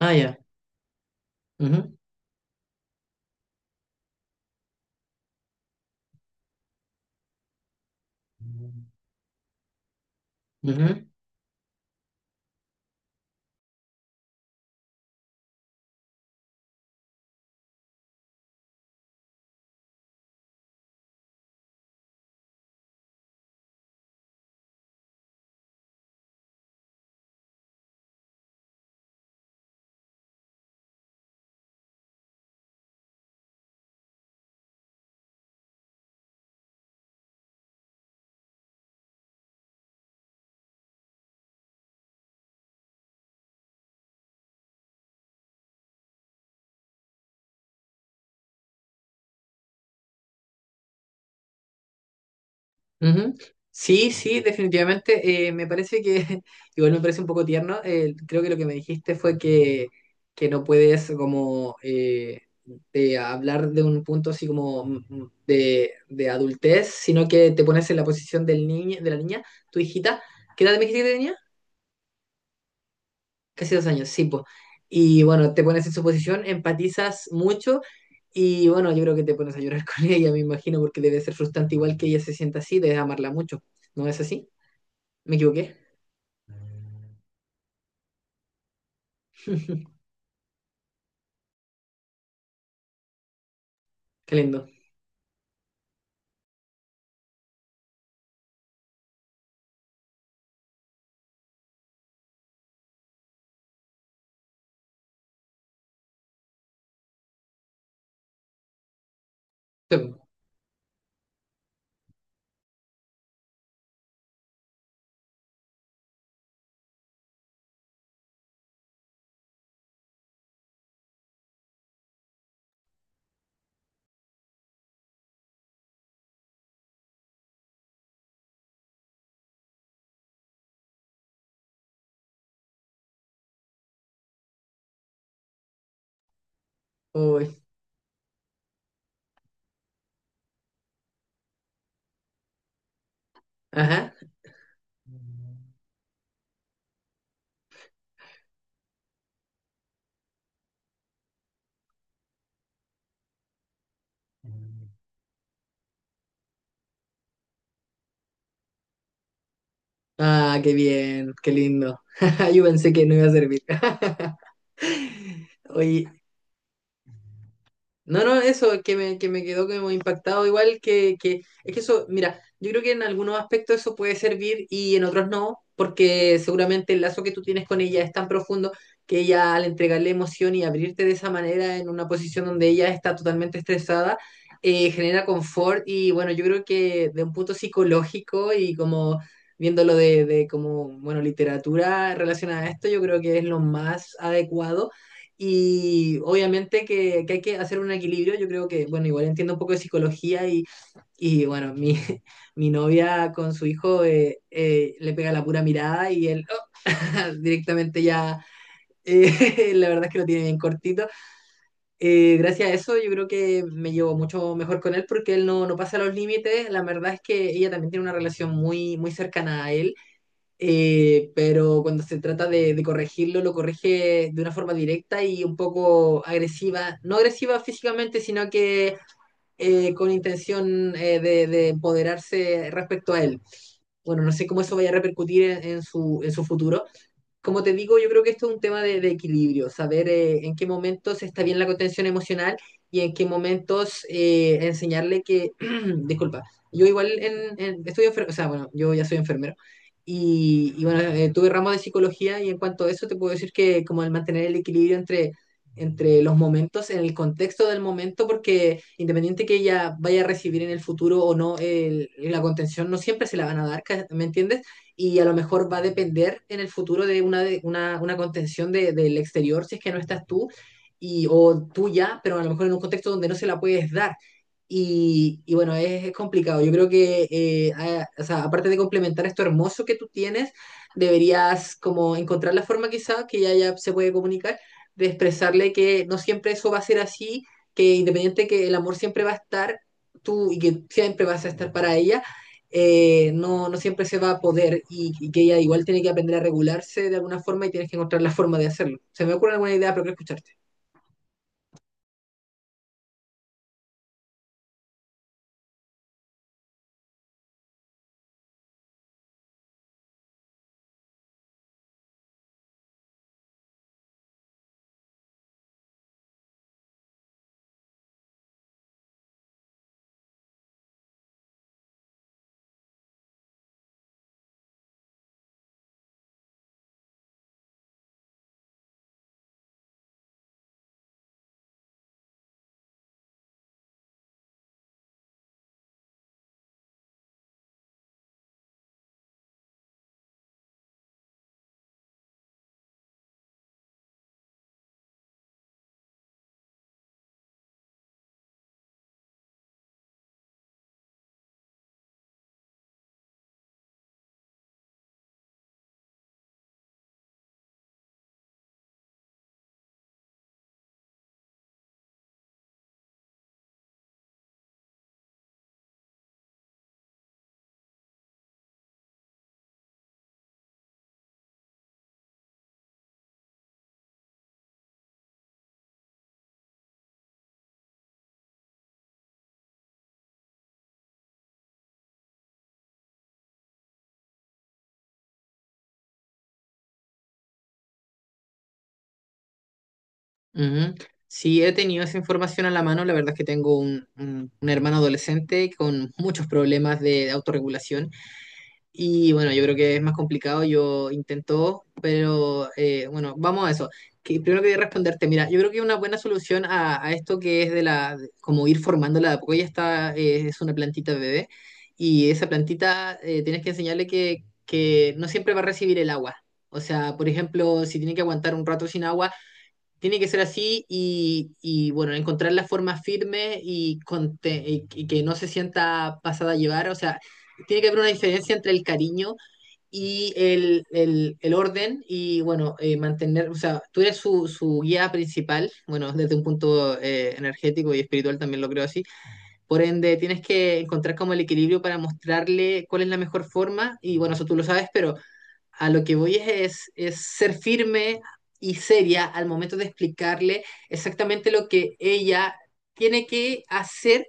Ah, ya. Ujú. Ujú, ujú. Sí, sí, definitivamente. Me parece que, igual me parece un poco tierno. Creo que lo que me dijiste fue que no puedes como de hablar de un punto así como de adultez, sino que te pones en la posición del niño, de la niña, tu hijita. ¿Qué edad me dijiste que tenía? Casi dos años, sí, pues. Y bueno, te pones en su posición, empatizas mucho y bueno, yo creo que te pones a llorar con ella, me imagino, porque debe ser frustrante igual que ella se sienta así, debes amarla mucho. ¿No es así? ¿Me equivoqué? Qué lindo. Sí po. Uy, ajá. Ah, qué bien, qué lindo. Yo pensé que no iba a servir. Oye, no, no, eso que me quedó como impactado, igual que, es que eso, mira, yo creo que en algunos aspectos eso puede servir y en otros no, porque seguramente el lazo que tú tienes con ella es tan profundo que ella al entregarle emoción y abrirte de esa manera en una posición donde ella está totalmente estresada, genera confort y bueno, yo creo que de un punto psicológico y como viéndolo de, bueno, literatura relacionada a esto, yo creo que es lo más adecuado y obviamente que hay que hacer un equilibrio. Yo creo que, bueno, igual entiendo un poco de psicología y bueno, mi, mi novia con su hijo le pega la pura mirada y él directamente ya, la verdad es que lo tiene bien cortito. Gracias a eso yo creo que me llevo mucho mejor con él porque él no, no pasa los límites. La verdad es que ella también tiene una relación muy, muy cercana a él pero cuando se trata de corregirlo, lo corrige de una forma directa y un poco agresiva, no agresiva físicamente, sino que con intención de empoderarse respecto a él. Bueno, no sé cómo eso vaya a repercutir en su futuro, como te digo, yo creo que esto es un tema de equilibrio, saber en qué momentos está bien la contención emocional y en qué momentos enseñarle que, disculpa, yo igual o sea, bueno, yo ya soy enfermero y bueno, tuve ramos de psicología y en cuanto a eso te puedo decir que como el mantener el equilibrio entre los momentos, en el contexto del momento, porque independiente que ella vaya a recibir en el futuro o no, la contención no siempre se la van a dar, ¿me entiendes? Y a lo mejor va a depender en el futuro de una contención del exterior si es que no estás tú y, o tuya, pero a lo mejor en un contexto donde no se la puedes dar. Y bueno, es complicado. Yo creo que, o sea, aparte de complementar esto hermoso que tú tienes, deberías como encontrar la forma quizá que ya, ya se puede comunicar, de expresarle que no siempre eso va a ser así, que independiente que el amor siempre va a estar tú y que siempre vas a estar para ella no, no siempre se va a poder y que ella igual tiene que aprender a regularse de alguna forma y tienes que encontrar la forma de hacerlo. Se me ocurre alguna idea, pero quiero escucharte. Ujú. Sí, he tenido esa información a la mano. La verdad es que tengo un, un hermano adolescente con muchos problemas de autorregulación. Y bueno, yo creo que es más complicado, yo intento, pero bueno, vamos a eso. Que primero quería responderte, mira, yo creo que una buena solución a esto que es como ir formándola de a poco, ella está, es una plantita bebé, y esa plantita tienes que enseñarle que no siempre va a recibir el agua. O sea, por ejemplo, si tiene que aguantar un rato sin agua, tiene que ser así bueno, encontrar la forma firme y que no se sienta pasada a llevar. O sea, tiene que haber una diferencia entre el cariño y el orden y bueno, mantener, o sea, tú eres su, su guía principal, bueno, desde un punto energético y espiritual también lo creo así. Por ende, tienes que encontrar como el equilibrio para mostrarle cuál es la mejor forma y bueno, eso tú lo sabes, pero a lo que voy es ser firme y seria al momento de explicarle exactamente lo que ella tiene que hacer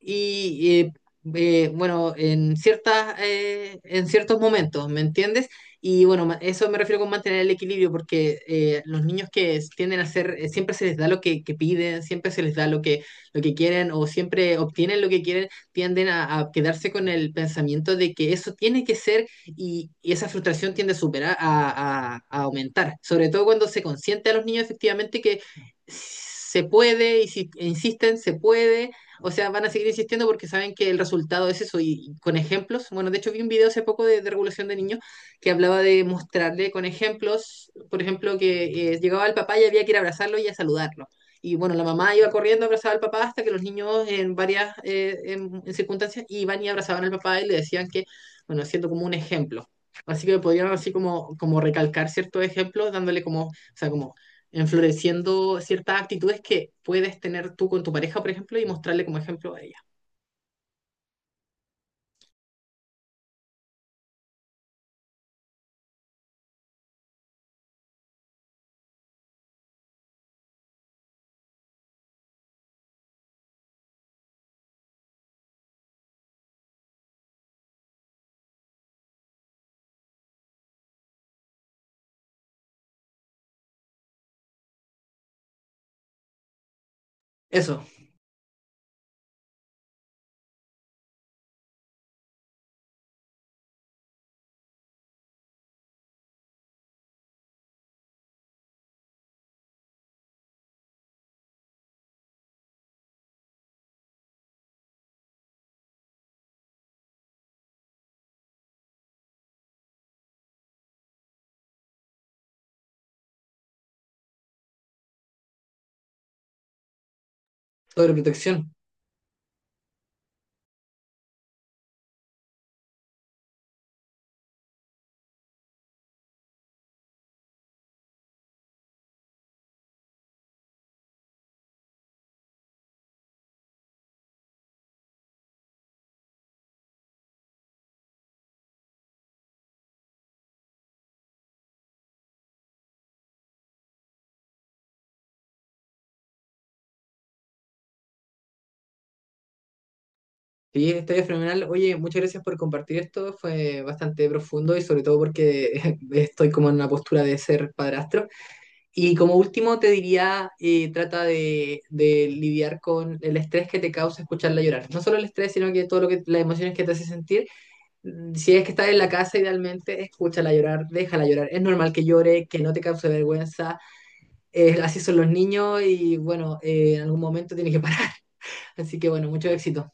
y bueno, en ciertas, en ciertos momentos, ¿me entiendes? Y bueno, eso me refiero con mantener el equilibrio, porque los niños que tienden a ser, siempre se les da lo que piden, siempre se les da lo que quieren o siempre obtienen lo que quieren, tienden a quedarse con el pensamiento de que eso tiene que ser y esa frustración tiende a superar, a aumentar, sobre todo cuando se consiente a los niños efectivamente que se puede y si insisten, se puede, o sea, van a seguir insistiendo porque saben que el resultado es eso. Y con ejemplos, bueno, de hecho vi un video hace poco de regulación de niños que hablaba de mostrarle con ejemplos, por ejemplo, que llegaba el papá y había que ir a abrazarlo y a saludarlo. Y bueno, la mamá iba corriendo a abrazar al papá hasta que los niños en varias en circunstancias iban y abrazaban al papá y le decían que, bueno, haciendo como un ejemplo. Así que podían así como, como recalcar ciertos ejemplos, dándole como, o sea, como enfloreciendo ciertas actitudes que puedes tener tú con tu pareja, por ejemplo, y mostrarle como ejemplo a ella. Eso, sobre protección. Sí, está fenomenal. Oye, muchas gracias por compartir esto. Fue bastante profundo y sobre todo porque estoy como en una postura de ser padrastro. Y como último te diría, trata de lidiar con el estrés que te causa escucharla llorar. No solo el estrés, sino que todo lo que las emociones que te hace sentir. Si es que estás en la casa, idealmente escúchala llorar, déjala llorar. Es normal que llore, que no te cause vergüenza así son los niños y bueno, en algún momento tiene que parar. Así que bueno, mucho éxito.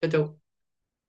Chau, chau.